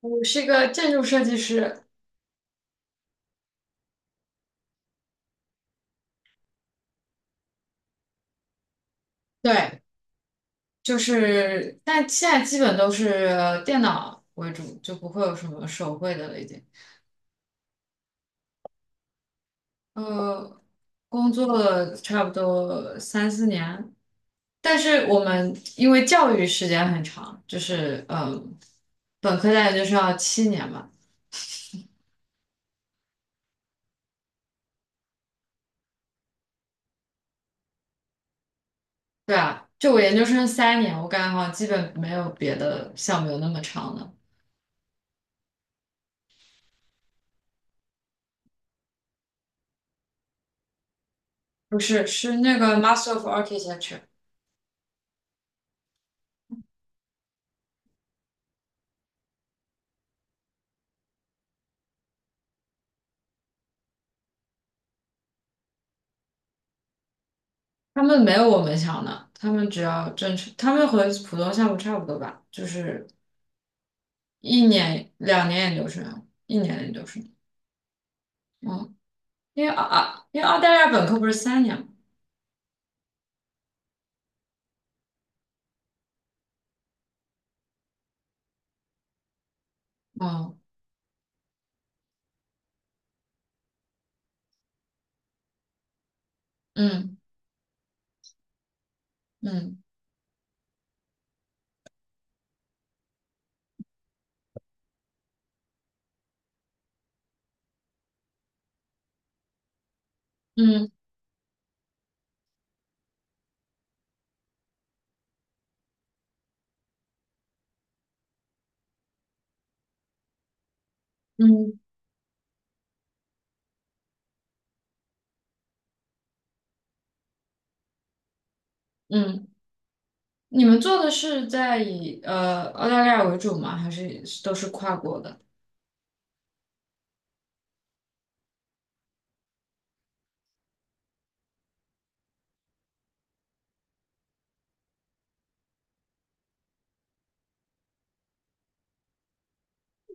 我是一个建筑设计师，对，就是，但现在基本都是电脑为主，就不会有什么手绘的了，已经。呃，工作了差不多三四年，但是我们因为教育时间很长，就是本科在研就是要7年嘛，对啊，就我研究生三年，我感觉好像基本没有别的项目有那么长的，不是，是那个 Master of Architecture。他们没有我们强的，他们只要正常，他们和普通项目差不多吧，就是一年、2年研究生，一年的研究生。嗯，因为澳大利亚本科不是三年吗？哦，嗯嗯嗯嗯嗯，你们做的是在以澳大利亚为主吗？还是都是跨国的？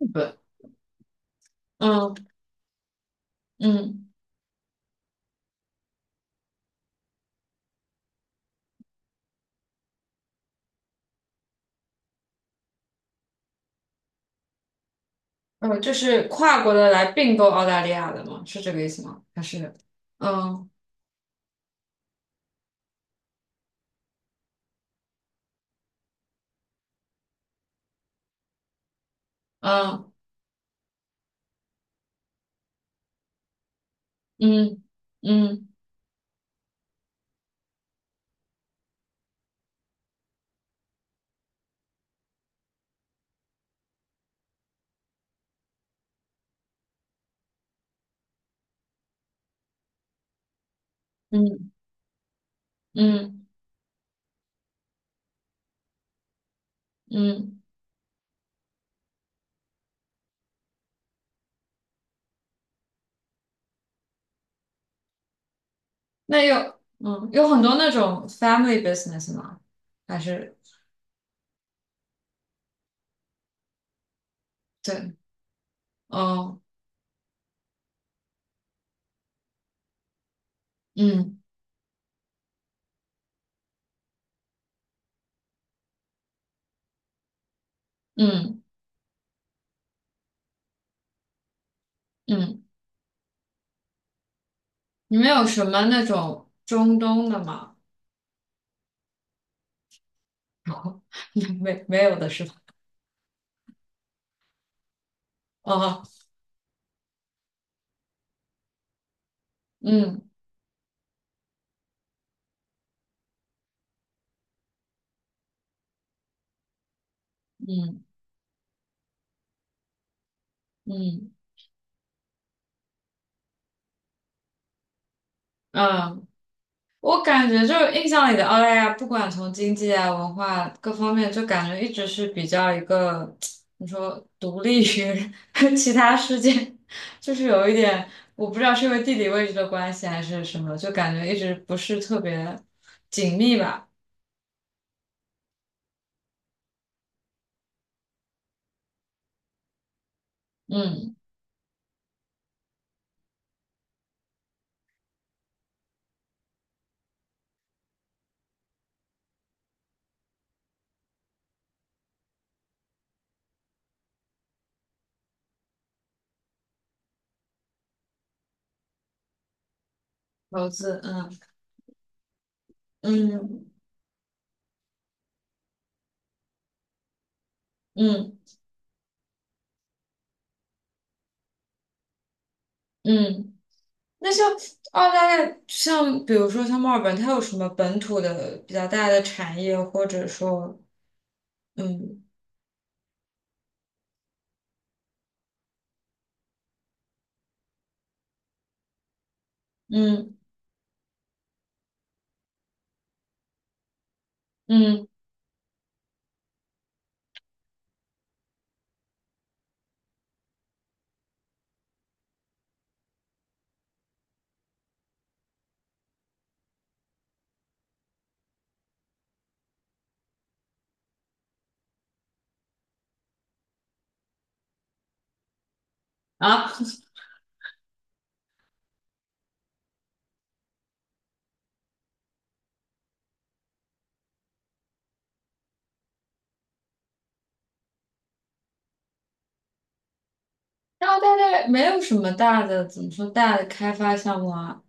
日本。嗯嗯就是跨国的来并购澳大利亚的吗？是这个意思吗？还是嗯嗯嗯嗯嗯。嗯嗯，那有很多那种 family business 吗？还是对哦嗯嗯嗯，你们有什么那种中东的吗？没有的是吧？哦嗯嗯嗯嗯嗯。我感觉就是印象里的澳大利亚，不管从经济啊、文化各方面，就感觉一直是比较一个，你说独立于 其他世界，就是有一点，我不知道是因为地理位置的关系还是什么，就感觉一直不是特别紧密吧。嗯，投资，嗯嗯嗯嗯。那像澳大利亚，像比如说像墨尔本，它有什么本土的比较大的产业，或者说，嗯嗯。嗯啊，然后大概没有什么大的，怎么说大的开发项目啊？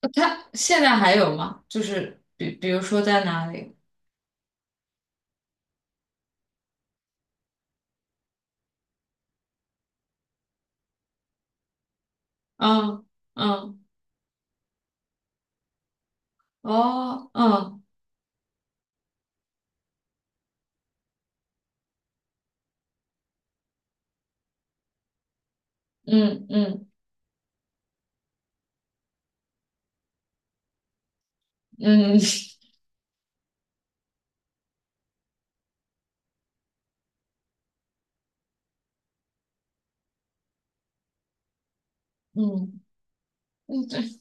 它现在还有吗？就是比如说在哪里？嗯嗯哦嗯嗯嗯嗯嗯嗯，对，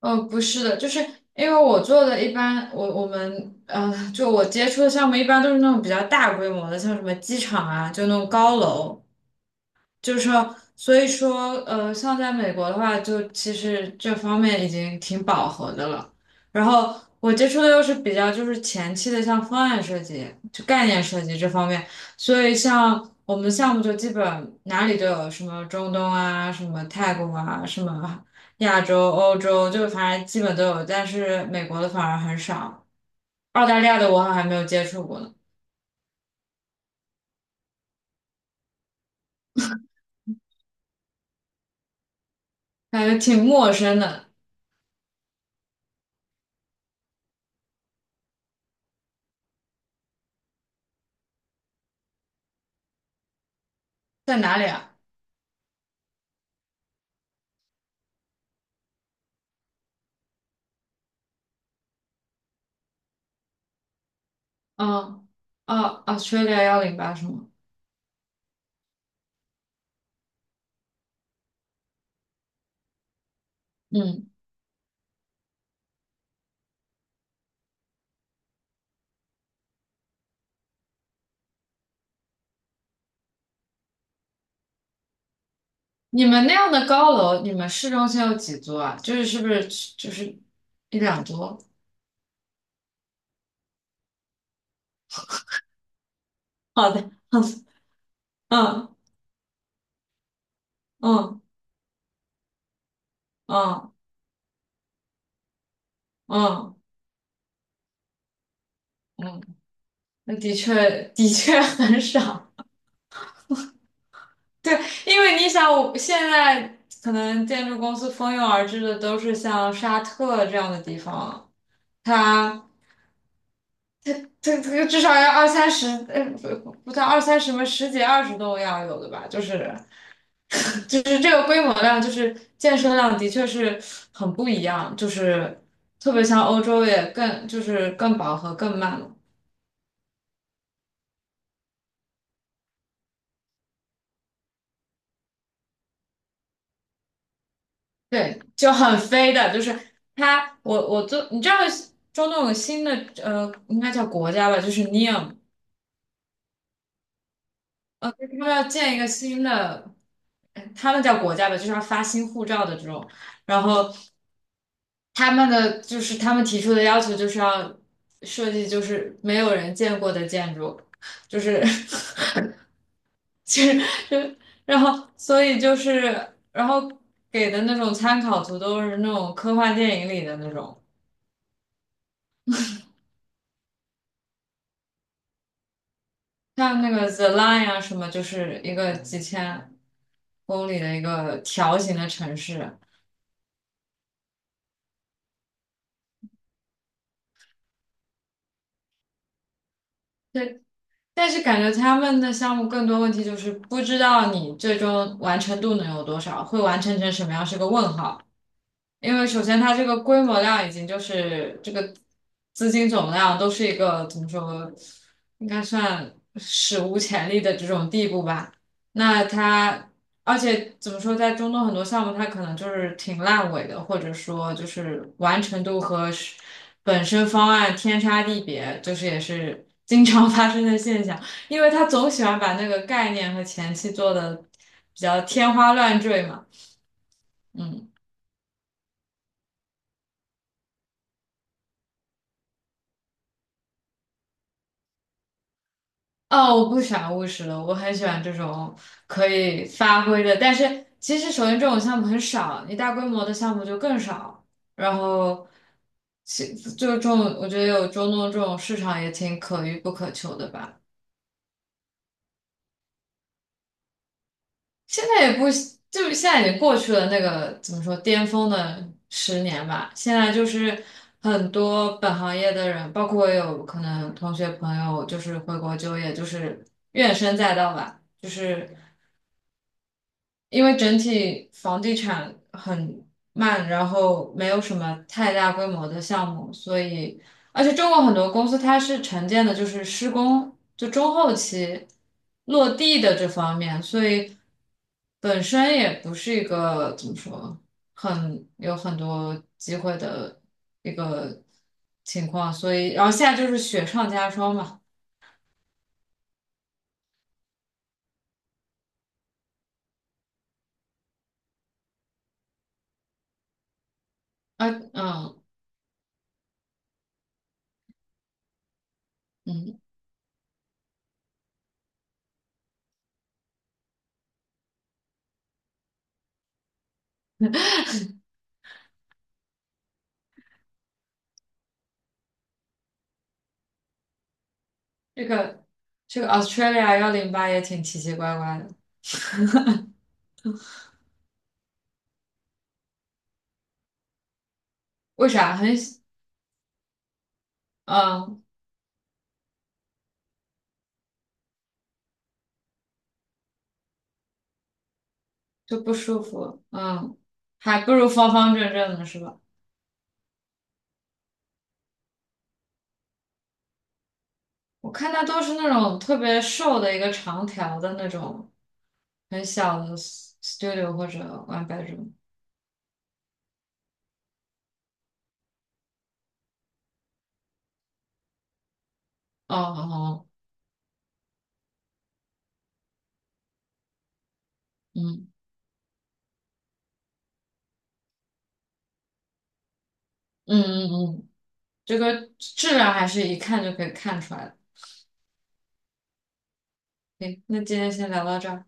不是的，就是因为我做的一般，我们就我接触的项目一般都是那种比较大规模的，像什么机场啊，就那种高楼。就是说，所以说，像在美国的话，就其实这方面已经挺饱和的了。然后我接触的又是比较就是前期的，像方案设计、就概念设计这方面。所以像我们项目就基本哪里都有，什么中东啊，什么泰国啊，什么亚洲、欧洲，就反正基本都有。但是美国的反而很少，澳大利亚的我好像还没有接触过呢，感觉挺陌生的，在哪里啊？嗯，哦，Australia 幺零八是吗？嗯，你们那样的高楼，你们市中心有几座啊？就是是不是就是一两座？好的，好的嗯嗯嗯嗯嗯，那的确的确很少。对，因为你想，我现在可能建筑公司蜂拥而至的都是像沙特这样的地方，它这个至少要二三十，不到二三十嘛十几二十栋要有的吧，就是。就是这个规模量，就是健身量，的确是很不一样。就是特别像欧洲也更就是更饱和更慢了。对，就很飞的。就是它，我做，你知道中东有个新的应该叫国家吧，就是 Neom 他们要建一个新的，他们叫国家吧，就是要发新护照的这种，然后他们的就是他们提出的要求就是要设计就是没有人见过的建筑，就是 其实就然后所以就是然后给的那种参考图都是那种科幻电影里的那种，像那个 The Line 啊什么，就是一个几千公里的一个条形的城市。但是感觉他们的项目更多问题就是不知道你最终完成度能有多少，会完成成什么样是个问号。因为首先它这个规模量已经就是这个资金总量都是一个怎么说，应该算史无前例的这种地步吧。那它而且怎么说，在中东很多项目它可能就是挺烂尾的，或者说就是完成度和是本身方案天差地别，就是也是经常 发生的现象。因为他总喜欢把那个概念和前期做的比较天花乱坠嘛，嗯。哦，我不喜欢务实的，我很喜欢这种可以发挥的。但是其实首先这种项目很少，你大规模的项目就更少。然后其就这种，我觉得有中东这种市场也挺可遇不可求的吧。现在也不就是现在已经过去了那个怎么说巅峰的10年吧，现在就是很多本行业的人，包括我有可能同学朋友就是回国就业，就是怨声载道吧，就是。因为整体房地产很慢，然后没有什么太大规模的项目，所以而且中国很多公司它是承建的，就是施工就中后期落地的这方面，所以本身也不是一个怎么说很有很多机会的一个情况，所以然后现在就是雪上加霜嘛，啊嗯嗯，这个这个 Australia 幺零八也挺奇奇怪怪的。为啥很嗯就不舒服？嗯，还不如方方正正的是吧？我看它都是那种特别瘦的一个长条的那种很小的 studio 或者 one bedroom。哦哦，嗯嗯嗯嗯，这个质量还是一看就可以看出来的。行，那今天先聊到这儿。